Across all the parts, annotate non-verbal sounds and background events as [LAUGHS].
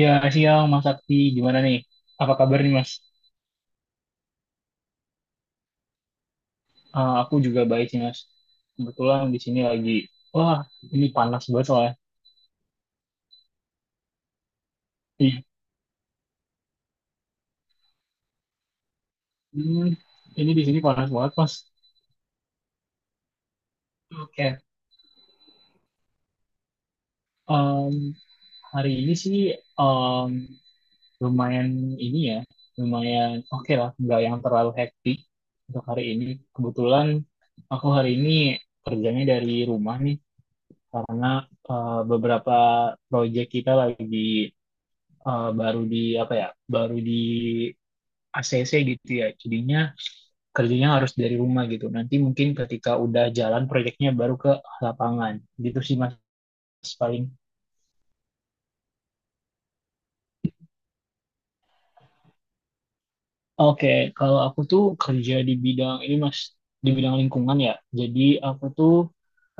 Ya, siang Mas Sakti. Gimana nih? Apa kabar nih Mas? Aku juga baik sih Mas. Kebetulan di sini lagi, wah ini panas banget soalnya. Iya. Hmm, ini di sini panas banget Mas. Oke. Em, hari ini sih em, lumayan ini ya, lumayan oke lah, nggak yang terlalu hektik untuk hari ini. Kebetulan aku hari ini kerjanya dari rumah nih, karena beberapa proyek kita lagi baru di apa ya baru di ACC gitu ya jadinya kerjanya harus dari rumah gitu, nanti mungkin ketika udah jalan proyeknya baru ke lapangan gitu sih mas paling. Oke, kalau aku tuh kerja di bidang ini mas, di bidang lingkungan ya, jadi aku tuh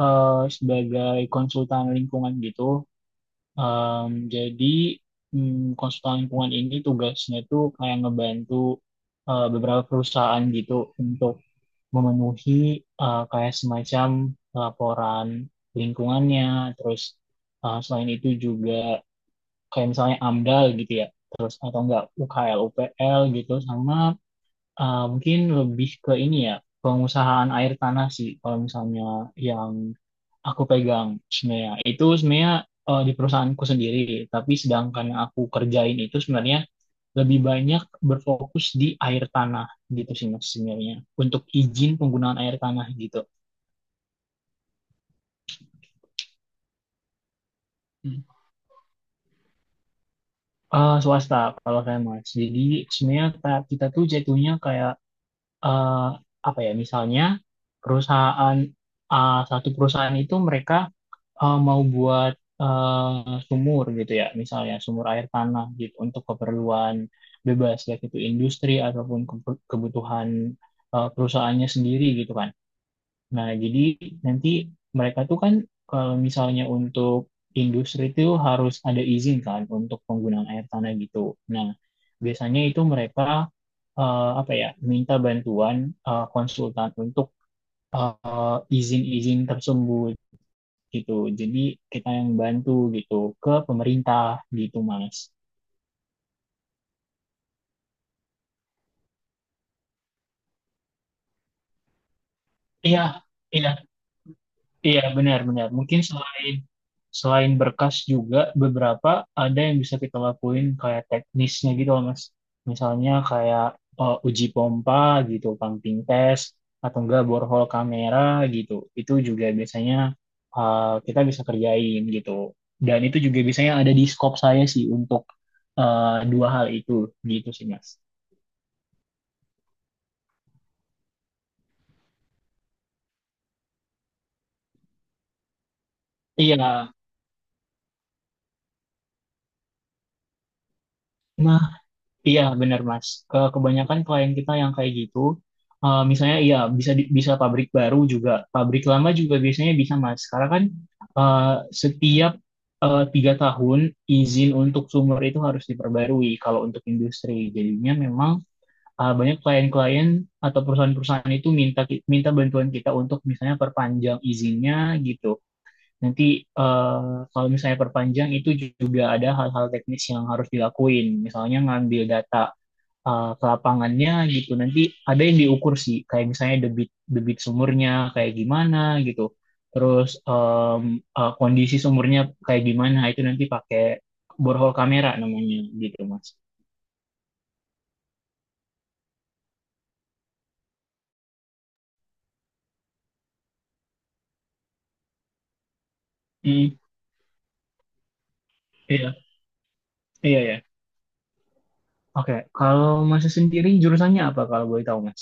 eh, sebagai konsultan lingkungan gitu. Em, jadi konsultan lingkungan ini tugasnya tuh kayak ngebantu beberapa perusahaan gitu untuk memenuhi kayak semacam laporan lingkungannya, terus selain itu juga kayak misalnya AMDAL gitu ya, terus atau enggak UKL, UPL gitu, sama ah, mungkin lebih ke ini ya, pengusahaan air tanah sih. Kalau misalnya yang aku pegang sebenarnya itu sebenarnya di perusahaanku sendiri, tapi sedangkan yang aku kerjain itu sebenarnya lebih banyak berfokus di air tanah gitu sih mas sebenarnya, untuk izin penggunaan air tanah gitu. Hmm. Swasta kalau saya mas. Jadi sebenarnya kita tuh jatuhnya kayak eh, apa ya? Misalnya perusahaan, ah, satu perusahaan itu mereka mau buat sumur gitu ya, misalnya sumur air tanah gitu untuk keperluan bebas, baik itu industri ataupun kebutuhan perusahaannya sendiri gitu kan. Nah, jadi nanti mereka tuh kan kalau misalnya untuk industri itu harus ada izin kan untuk penggunaan air tanah gitu. Nah, biasanya itu mereka apa ya, minta bantuan konsultan untuk izin-izin tersebut gitu. Jadi kita yang bantu gitu, ke pemerintah gitu Mas. Iya, iya, iya benar-benar. Mungkin selain selain berkas juga beberapa ada yang bisa kita lakuin kayak teknisnya gitu loh Mas. Misalnya kayak uji pompa gitu, pumping test atau enggak borehole kamera gitu. Itu juga biasanya eh, kita bisa kerjain gitu. Dan itu juga biasanya ada di scope saya sih untuk eh, dua hal itu gitu sih Mas. Iya, nah, iya benar Mas. Kebanyakan klien kita yang kayak gitu, misalnya iya bisa bisa pabrik baru juga, pabrik lama juga biasanya bisa Mas. Karena kan eh, setiap 3 tahun izin untuk sumber itu harus diperbarui kalau untuk industri. Jadinya memang banyak klien-klien atau perusahaan-perusahaan itu minta minta bantuan kita untuk misalnya perpanjang izinnya gitu. Nanti eh, kalau misalnya perpanjang itu juga ada hal-hal teknis yang harus dilakuin. Misalnya ngambil data ke lapangannya gitu. Nanti ada yang diukur sih, kayak misalnya debit debit sumurnya kayak gimana gitu. Terus kondisi sumurnya kayak gimana itu nanti pakai borehole kamera namanya gitu, Mas. Hmm, iya, iya ya. Oke, kalau Mas sendiri jurusannya apa kalau boleh tahu, Mas?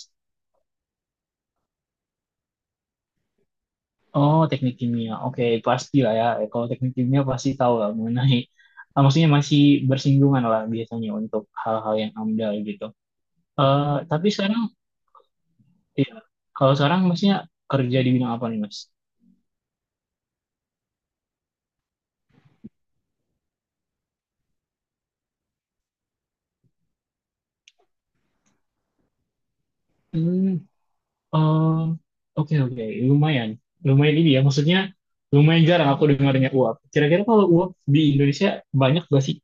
Oh, teknik kimia. Oke, pasti lah ya. Kalau teknik kimia pasti tahu lah mengenai, [LAUGHS] ah, maksudnya masih bersinggungan lah biasanya untuk hal-hal yang amdal gitu. Tapi sekarang, ya, kalau sekarang maksudnya kerja di bidang apa nih, Mas? Hmm, eh, oke oke, lumayan, lumayan ini ya. Maksudnya lumayan jarang aku dengarnya uap. Kira-kira kalau uap di Indonesia banyak gak sih?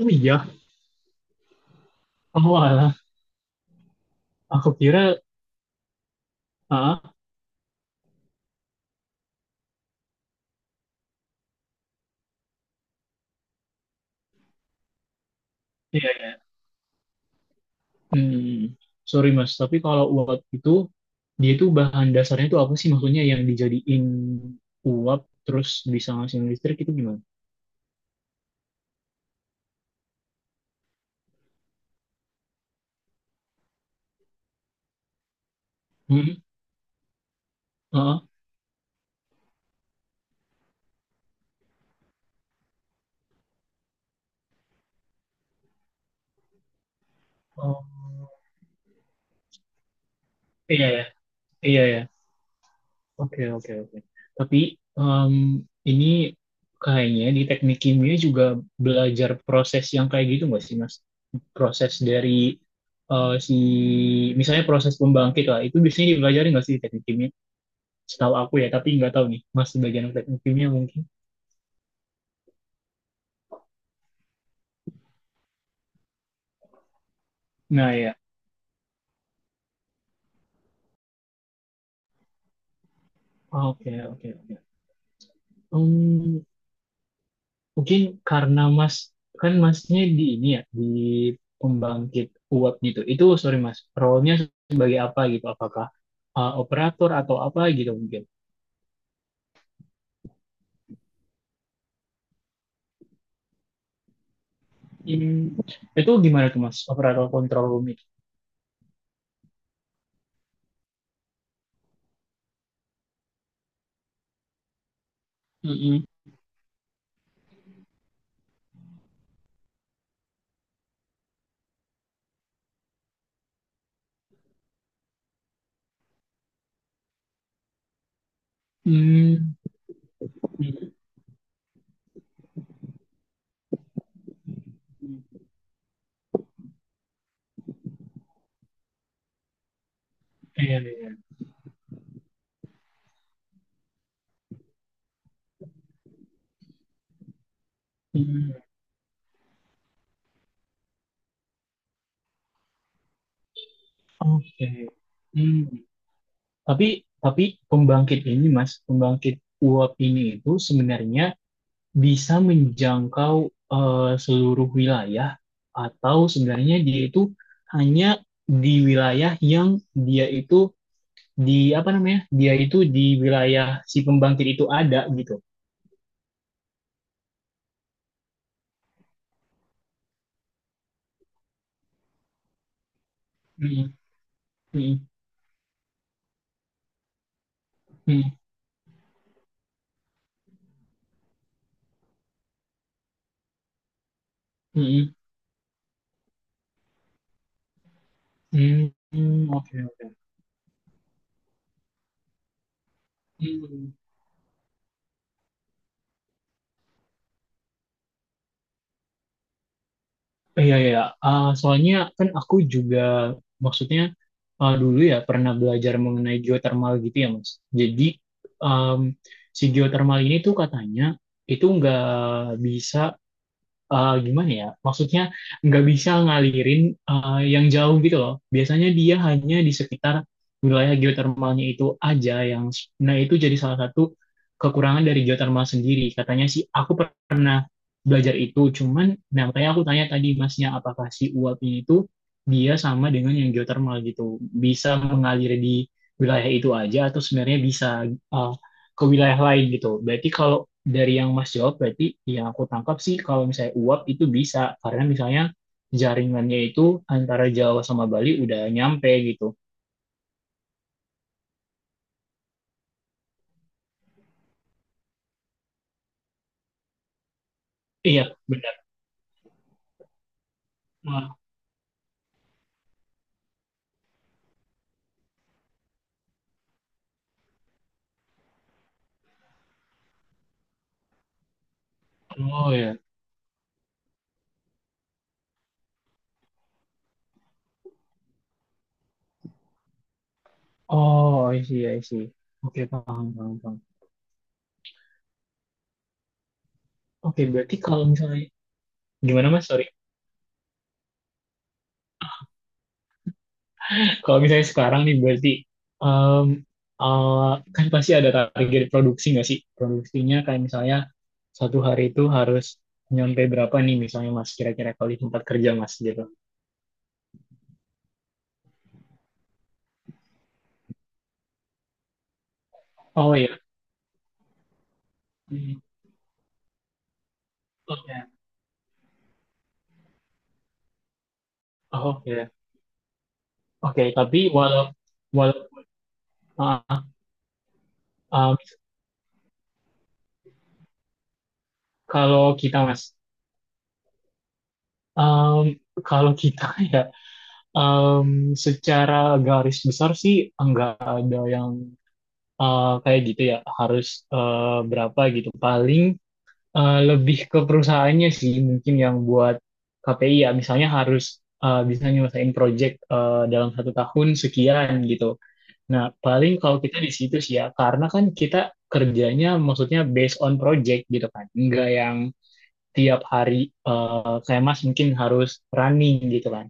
Oh iya, oh alah. Aku kira, ah, iya. Iya. Hmm, sorry Mas, tapi kalau uap itu dia itu bahan dasarnya itu apa sih, maksudnya yang dijadiin uap terus bisa ngasihin listrik itu gimana? Hmm, heeh. Oh, iya ya, iya ya. Oke oke oke. Tapi em, ini kayaknya di teknik kimia juga belajar proses yang kayak gitu nggak sih Mas? Proses dari si misalnya proses pembangkit lah itu biasanya dipelajari nggak sih di teknik kimia? Setahu aku ya, tapi nggak tahu nih Mas, sebagian teknik kimia mungkin. Nah ya, oke oke oke. Hmm, mungkin karena Mas kan Masnya di ini ya, di pembangkit uap gitu. Itu sorry Mas, role-nya sebagai apa gitu? Apakah operator atau apa gitu mungkin? Hmm, Itu gimana tuh Mas, operator control room itu? Mm-mm. Hmm, hmm, iya iya. Hmm, oke. Hmm. Tapi tapi pembangkit ini Mas, pembangkit uap ini itu sebenarnya bisa menjangkau eh, seluruh wilayah atau sebenarnya dia itu hanya di wilayah yang dia itu di apa namanya dia itu di wilayah si pembangkit itu ada gitu. Mm, mm, mm, mm, mm, mm, oke oke. Mm. Iya, iya. Iya. Ah, soalnya kan aku juga maksudnya ah, dulu ya pernah belajar mengenai geotermal gitu ya, Mas. Jadi em, si geotermal ini tuh katanya itu nggak bisa gimana ya? Maksudnya nggak bisa ngalirin yang jauh gitu loh. Biasanya dia hanya di sekitar wilayah geotermalnya itu aja yang nah itu jadi salah satu kekurangan dari geotermal sendiri. Katanya sih aku pernah belajar itu, cuman nah makanya aku tanya tadi masnya apakah si uap ini itu dia sama dengan yang geotermal gitu. Bisa mengalir di wilayah itu aja atau sebenarnya bisa eh, ke wilayah lain gitu. Berarti kalau dari yang Mas jawab berarti yang aku tangkap sih kalau misalnya uap itu bisa karena misalnya jaringannya itu antara Jawa sama Bali udah nyampe gitu. Iya, benar. Wah, oh ya. Oh, I see, I see. Oke, paham, paham, paham. Oke, berarti kalau misalnya gimana Mas? Sorry. [LAUGHS] Kalau misalnya sekarang nih berarti em, kan pasti ada target produksi nggak sih? Produksinya kayak misalnya 1 hari itu harus nyampe berapa nih misalnya Mas, kira-kira kalau di tempat kerja Mas gitu. Oh iya. Oke, oh, oke, oke. Tapi walau uh, um, kalau kita mas, um, kalau kita [LAUGHS] ya, um, secara garis besar sih enggak ada yang kayak gitu ya, harus berapa gitu. Paling lebih ke perusahaannya sih mungkin yang buat KPI ya, misalnya harus bisa nyelesain project dalam 1 tahun sekian gitu. Nah, paling kalau kita di situ sih ya, karena kan kita kerjanya maksudnya based on project gitu kan. Enggak yang tiap hari kayak Mas mungkin harus running gitu kan.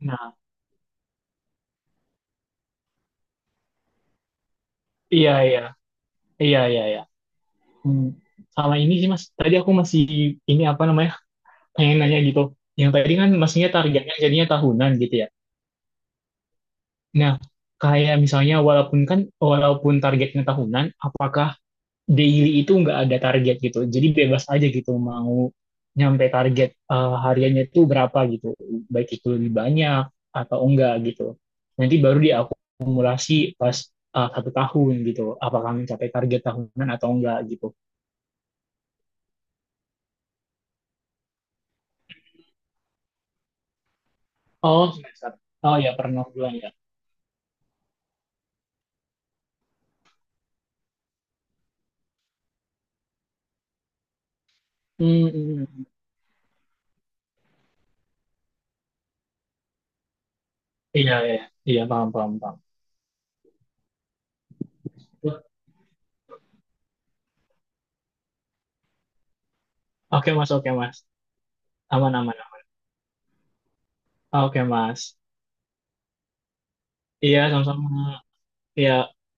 Nah, iya iya. Iya iya iya. Hmm. Sama ini sih Mas, tadi aku masih ini apa namanya? Pengen nanya gitu. Yang tadi kan maksudnya targetnya jadinya tahunan gitu ya. Nah, kayak misalnya walaupun kan walaupun targetnya tahunan, apakah daily itu nggak ada target gitu. Jadi bebas aja gitu mau nyampe target hariannya itu berapa gitu. Baik itu lebih banyak atau enggak gitu. Nanti baru diakumulasi pas 1 tahun gitu. Apakah mencapai target tahunan atau enggak gitu. Oh semester. Oh ya pernah bulan ya. Hmm, hmm, hmm. Iya iya iya paham paham paham. Oke mas, oke mas, aman aman. Oke mas. Iya sama-sama. Iya